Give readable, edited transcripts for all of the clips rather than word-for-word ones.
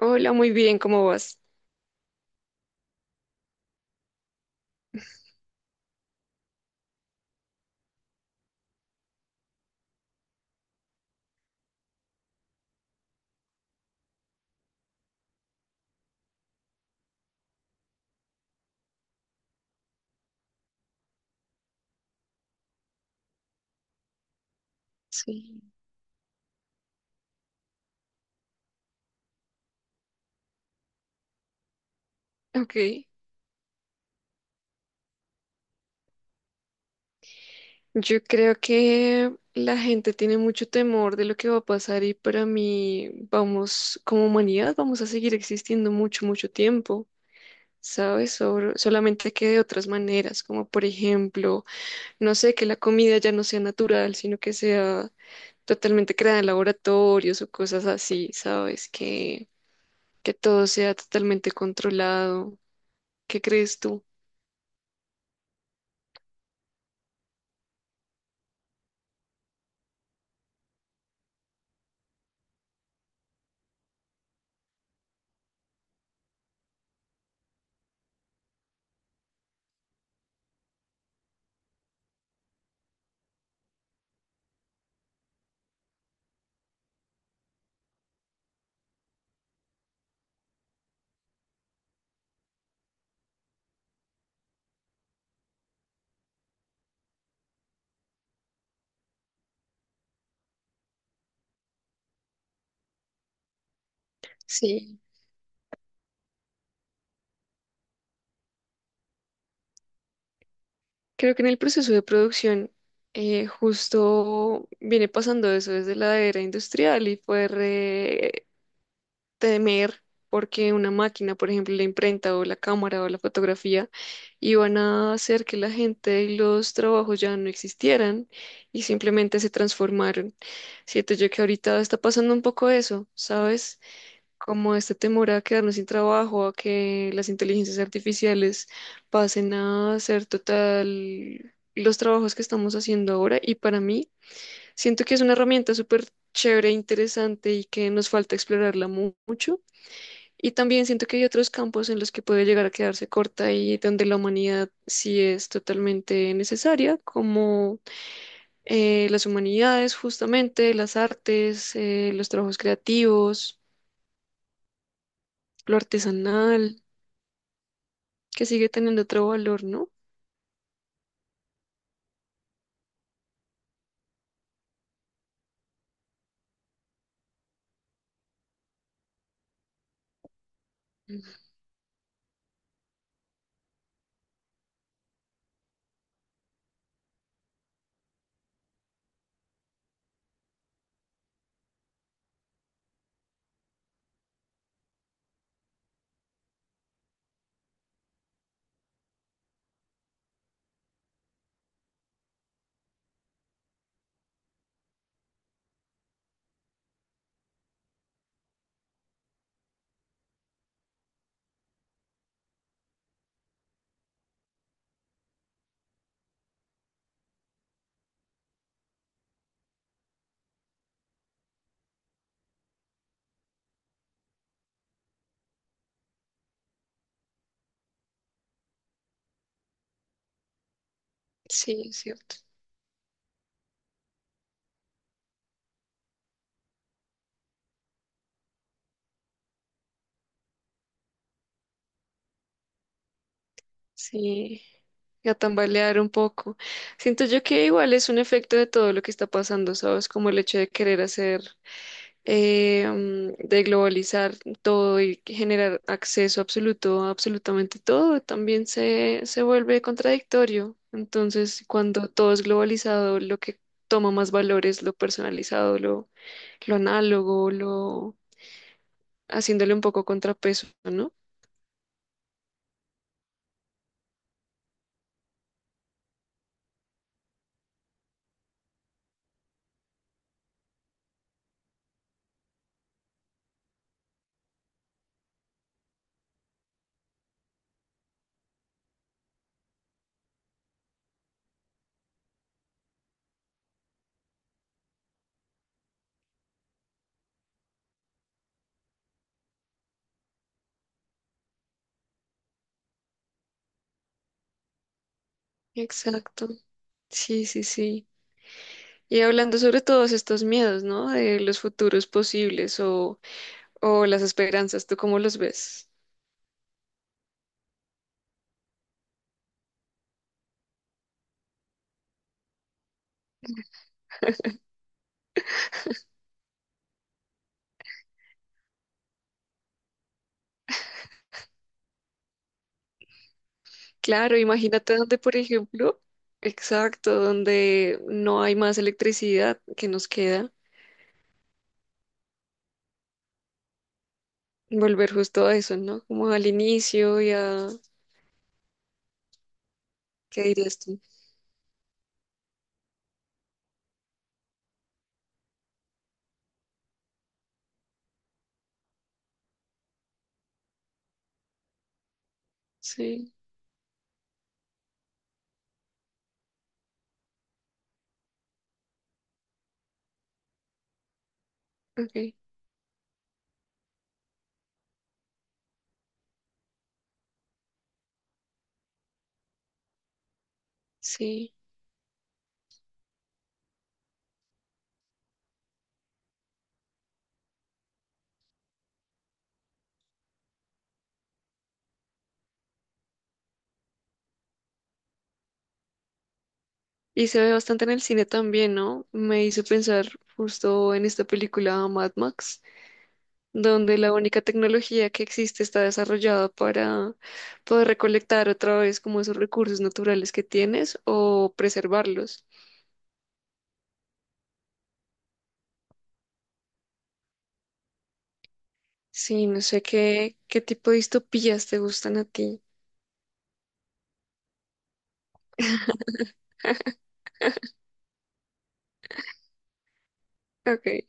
Hola, muy bien, ¿cómo vas? Sí. Ok, yo creo que la gente tiene mucho temor de lo que va a pasar y para mí vamos, como humanidad, vamos a seguir existiendo mucho tiempo, ¿sabes? Solamente que de otras maneras, como por ejemplo, no sé, que la comida ya no sea natural, sino que sea totalmente creada en laboratorios o cosas así, ¿sabes? Que todo sea totalmente controlado. ¿Qué crees tú? Sí. Creo que en el proceso de producción justo viene pasando eso desde la era industrial y fue temer porque una máquina, por ejemplo, la imprenta o la cámara o la fotografía, iban a hacer que la gente y los trabajos ya no existieran y simplemente se transformaron. Siento yo que ahorita está pasando un poco eso, ¿sabes? Como este temor a quedarnos sin trabajo, a que las inteligencias artificiales pasen a hacer total los trabajos que estamos haciendo ahora. Y para mí, siento que es una herramienta súper chévere, e interesante y que nos falta explorarla mucho. Y también siento que hay otros campos en los que puede llegar a quedarse corta y donde la humanidad sí es totalmente necesaria, como las humanidades, justamente, las artes, los trabajos creativos, lo artesanal, que sigue teniendo otro valor, ¿no? Sí, es cierto. Sí, a tambalear un poco. Siento yo que igual es un efecto de todo lo que está pasando, ¿sabes? Como el hecho de querer hacer, de globalizar todo y generar acceso absoluto a absolutamente todo, también se vuelve contradictorio. Entonces, cuando todo es globalizado, lo que toma más valor es lo personalizado, lo análogo, lo haciéndole un poco contrapeso, ¿no? Exacto. Sí, sí, sí. Y hablando sobre todos estos miedos, ¿no? De los futuros posibles o las esperanzas, ¿tú cómo los ves? Claro, imagínate donde, por ejemplo, exacto, donde no hay más electricidad que nos queda, volver justo a eso, ¿no? Como al inicio y a... ¿Qué dirías tú? Sí, ok, sí. Y se ve bastante en el cine también, ¿no? Me hizo pensar justo en esta película Mad Max, donde la única tecnología que existe está desarrollada para poder recolectar otra vez como esos recursos naturales que tienes o preservarlos. Sí, no sé qué tipo de distopías te gustan a ti. Ok.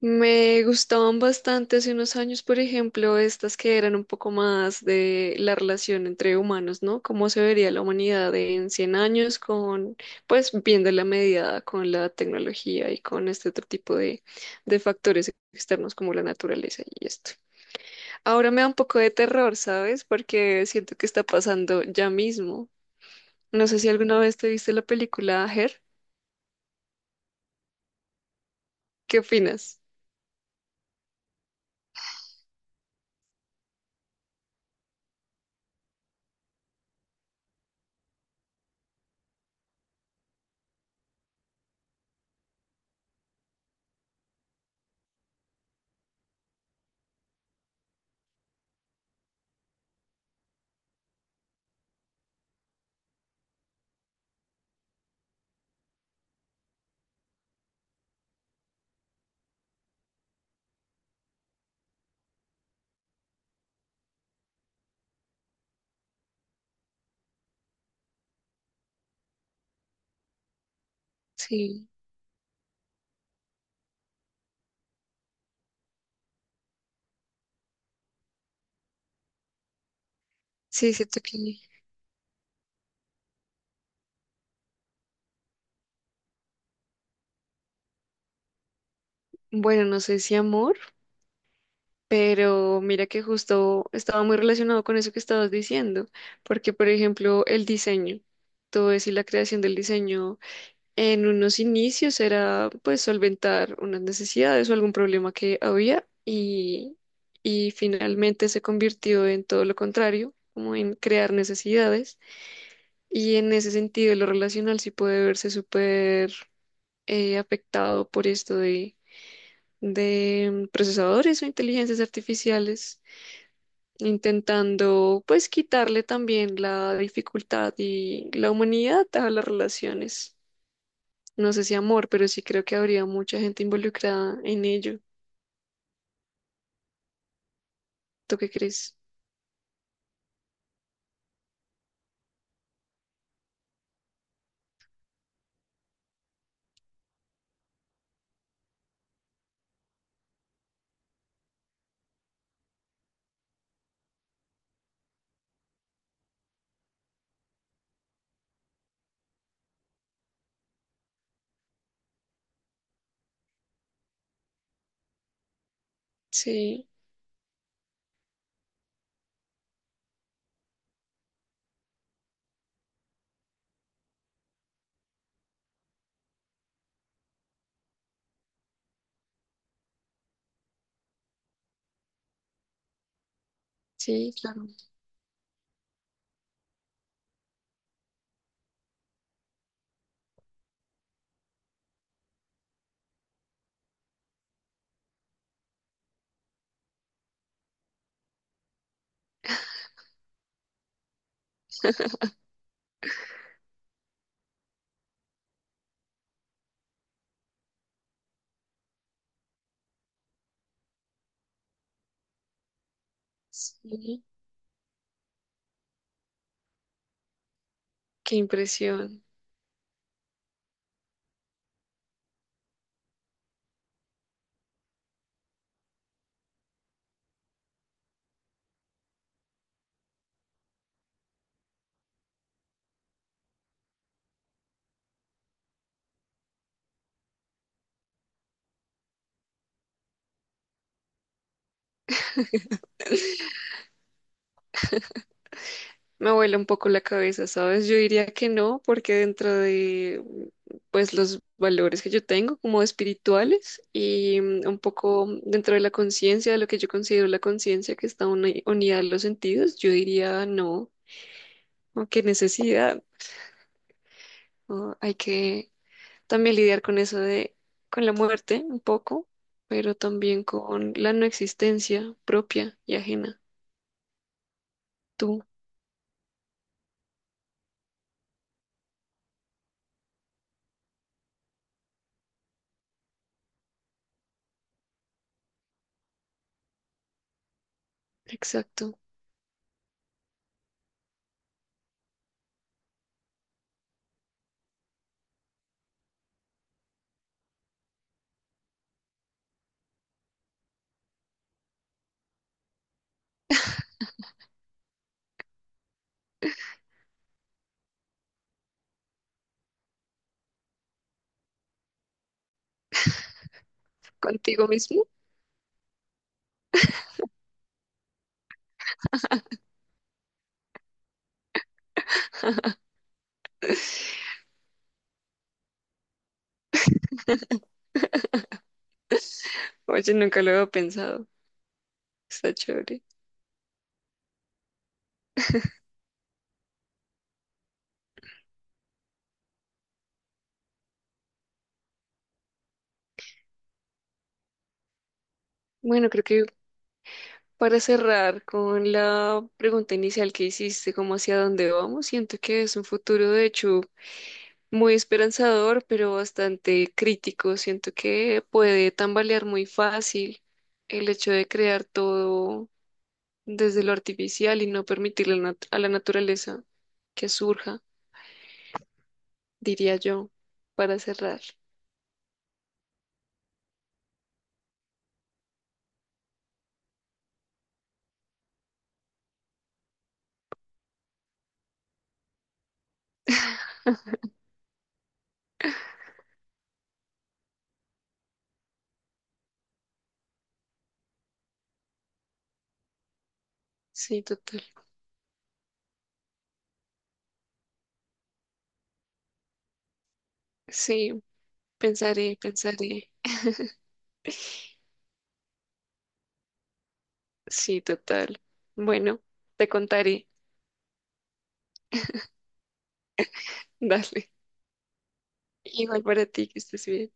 Me gustaban bastante hace unos años, por ejemplo, estas que eran un poco más de la relación entre humanos, ¿no? Cómo se vería la humanidad en 100 años con, pues, viendo la medida con la tecnología y con este otro tipo de factores externos como la naturaleza y esto. Ahora me da un poco de terror, ¿sabes? Porque siento que está pasando ya mismo. No sé si alguna vez te viste la película Her. ¿Qué opinas? Sí, sí, siento que... Bueno, no sé si amor. Pero mira que justo estaba muy relacionado con eso que estabas diciendo, porque por ejemplo el diseño, todo eso y la creación del diseño en unos inicios era pues solventar unas necesidades o algún problema que había y finalmente se convirtió en todo lo contrario, como en crear necesidades y en ese sentido lo relacional sí puede verse súper afectado por esto de procesadores o inteligencias artificiales intentando pues quitarle también la dificultad y la humanidad a las relaciones. No sé si amor, pero sí creo que habría mucha gente involucrada en ello. ¿Tú qué crees? Sí, sí, claro. Sí, qué impresión. Me vuela un poco la cabeza, ¿sabes? Yo diría que no, porque dentro de pues los valores que yo tengo como espirituales y un poco dentro de la conciencia, de lo que yo considero la conciencia que está unida a los sentidos, yo diría no, ¿no? Qué necesidad, ¿no? Hay que también lidiar con eso de con la muerte un poco, pero también con la no existencia propia y ajena. Tú, exacto. Contigo mismo. Oye, nunca lo había pensado. Está chévere. Bueno, creo que para cerrar con la pregunta inicial que hiciste, como hacia dónde vamos, siento que es un futuro de hecho muy esperanzador, pero bastante crítico. Siento que puede tambalear muy fácil el hecho de crear todo desde lo artificial y no permitirle a la a la naturaleza que surja, diría yo, para cerrar. Sí, total. Sí, pensaré, pensaré. Sí, total. Bueno, te contaré. Dale. Igual para ti, que estés bien.